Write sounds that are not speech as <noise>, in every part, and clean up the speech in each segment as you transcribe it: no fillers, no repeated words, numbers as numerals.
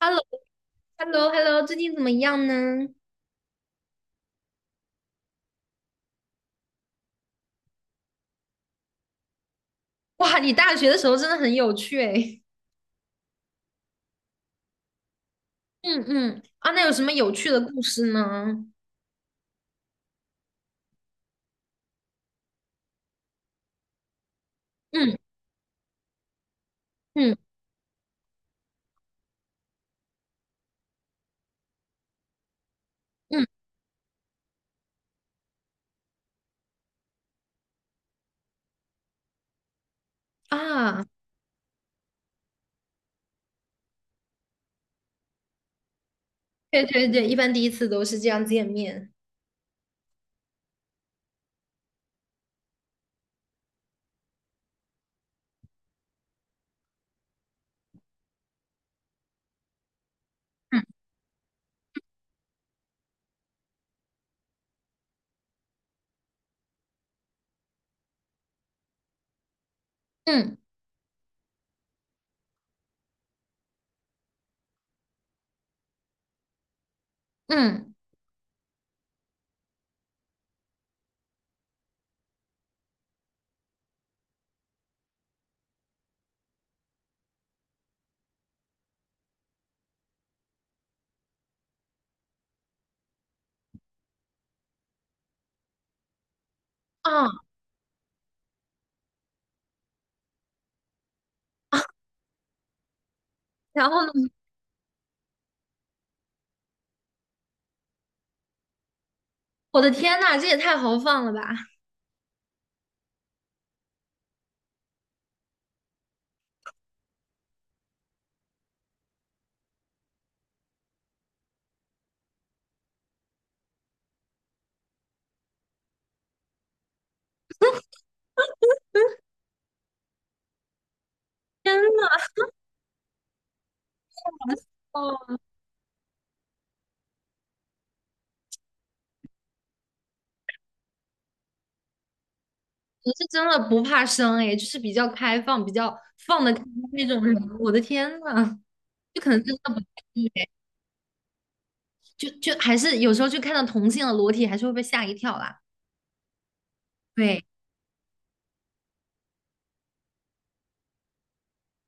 h e l l o h e l l o h e l l o 最近怎么样呢？哇，你大学的时候真的很有趣诶。那有什么有趣的故事呢？嗯嗯嗯，啊，对对对，一般第一次都是这样见面。嗯嗯嗯，啊，然后呢？我的天呐，这也太豪放了吧 <laughs>！天呐，哦，你是真的不怕生诶，就是比较开放、比较放得开那种人。我的天呐，就可能真的不太一样就还是有时候就看到同性的裸体，还是会被吓一跳啦。对，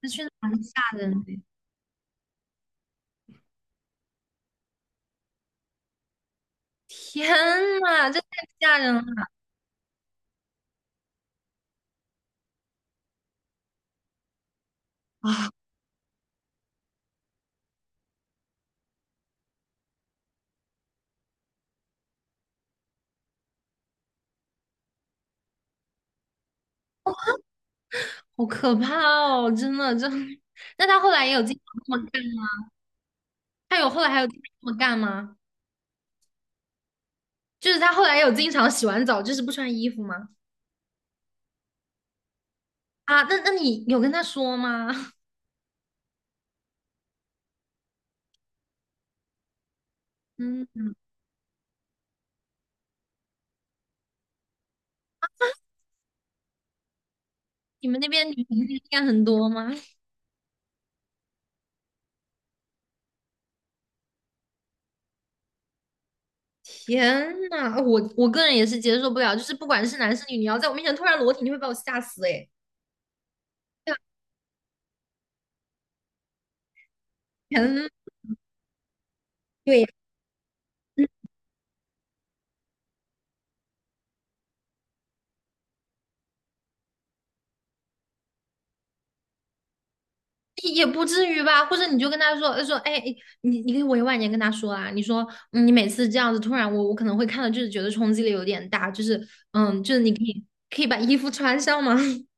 这确实蛮吓人的。天呐，这太吓人了啊！好可怕哦，真的，真的那他后来也有经常这么干吗？他有后来还有经常这么干吗？就是他后来有经常洗完澡就是不穿衣服吗？啊，那那你有跟他说吗？<laughs> 嗯，你们那边女同性恋很多吗？天呐，我个人也是接受不了，就是不管是男是女，你要在我面前突然裸体，你会把我吓死哎。<laughs> 天，对呀。也不至于吧，或者你就跟他说他说，哎，哎你你可以委婉一点跟他说啊，你说，嗯你每次这样子突然我，我可能会看到，就是觉得冲击力有点大，就是，嗯，就是你可以把衣服穿上吗？<laughs>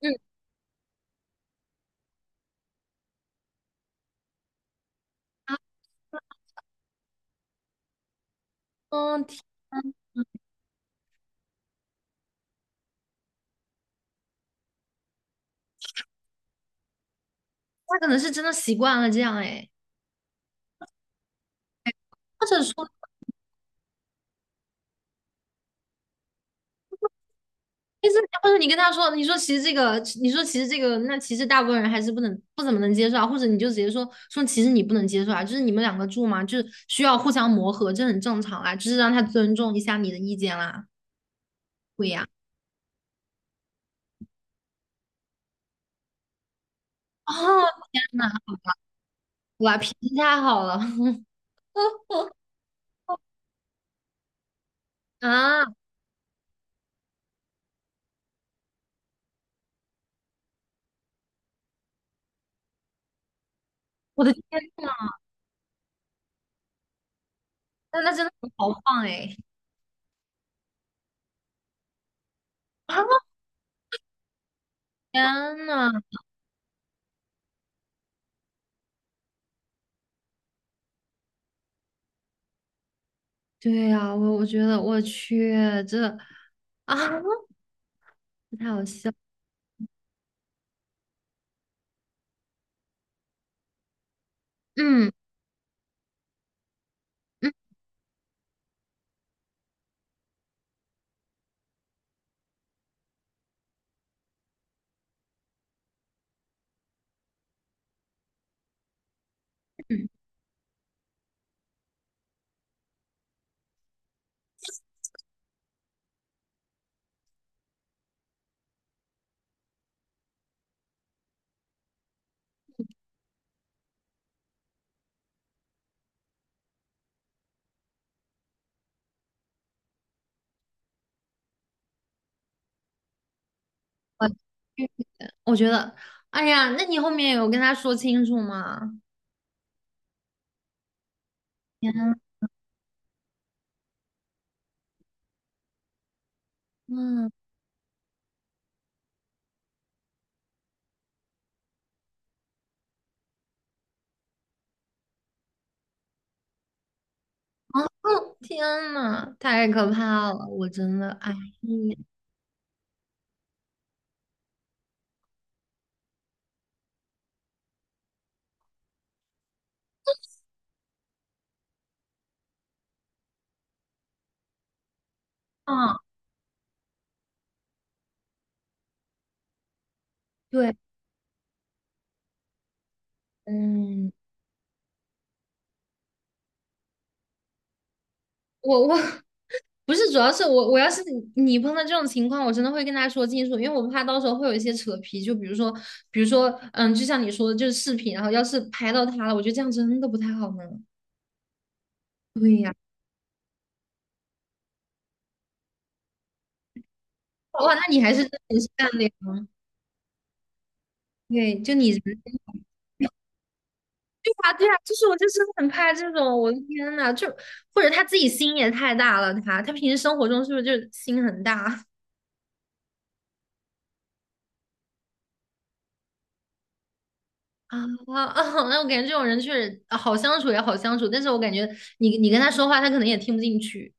嗯啊，嗯，天啊他可能是真的习惯了这样，哎，或者说，其实或者你跟他说，你说其实这个，你说其实这个，那其实大部分人还是不怎么能接受啊，或者你就直接说说，其实你不能接受啊，就是你们两个住嘛，就是需要互相磨合，这很正常啦，就是让他尊重一下你的意见啦，对呀。哦，天呐，哇，脾气太好了 <laughs> 啊！我的天呐，那那真的好豪放哎！啊，天呐，对呀、我我觉得我去这啊，太好笑。嗯嗯，我去我觉得，哎呀，那你后面有跟他说清楚吗？天呐，啊，天呐，太可怕了！我真的，哎呀，啊，对，嗯。我我 <laughs> 不是，主要是我要是你你碰到这种情况，我真的会跟他说清楚，因为我怕到时候会有一些扯皮，就比如说，比如说，嗯，就像你说的，就是视频，然后要是拍到他了，我觉得这样真的不太好呢。对呀，哇，那你还是真的很善良，对，就你 <laughs> 人对啊，对啊，就是我就是很怕这种，我的天呐，就或者他自己心也太大了，他平时生活中是不是就心很大？啊啊！那我感觉这种人确实啊好相处也好相处，但是我感觉你你跟他说话，他可能也听不进去。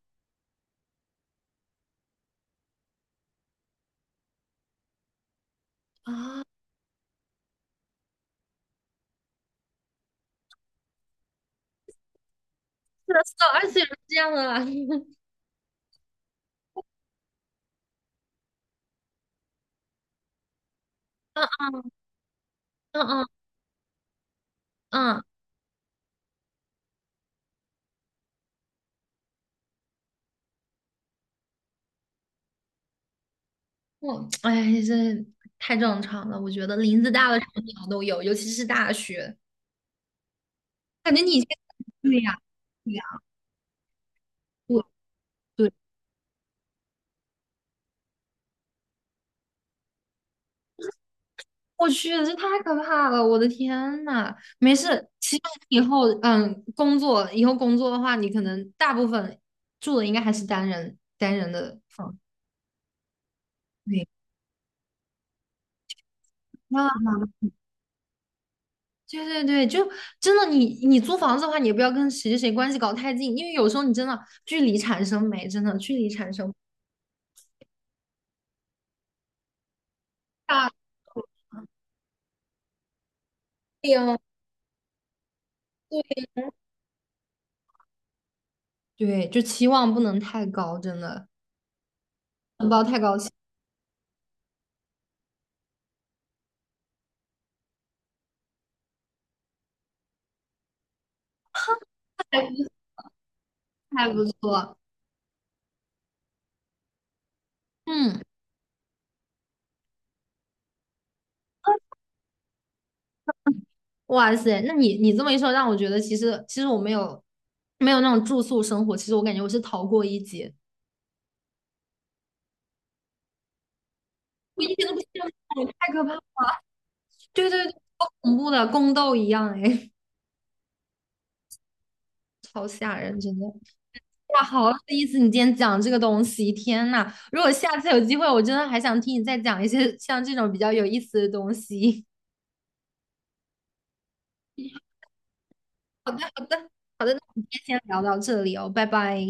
<laughs> 是的，是的，而且是这样的啦。<laughs> 嗯嗯嗯嗯，我哎，这太正常了。我觉得林子大了什么鸟都有，尤其是大学，感觉你以前对呀、对呀、我对，我去，这太可怕了！我的天呐，没事，其实以后嗯，工作以后工作的话，你可能大部分住的应该还是单人单人的房。对啊，对对对，就真的你你租房子的话，你也不要跟谁谁谁关系搞太近，因为有时候你真的距离产生美，真的距离产生大病对，就期望不能太高，真的不要太高，<laughs> 还不还不错。嗯，哇塞，那你你这么一说，让我觉得其实其实我没有没有那种住宿生活，其实我感觉我是逃过一劫，我一点都不羡慕，太可怕了，对对对，好恐怖的宫斗一样哎。哇，好有意思！你今天讲这个东西，天呐，如果下次有机会，我真的还想听你再讲一些像这种比较有意思的东西。<laughs> 好的，好的，好的，那我们今天先聊到这里哦，拜拜。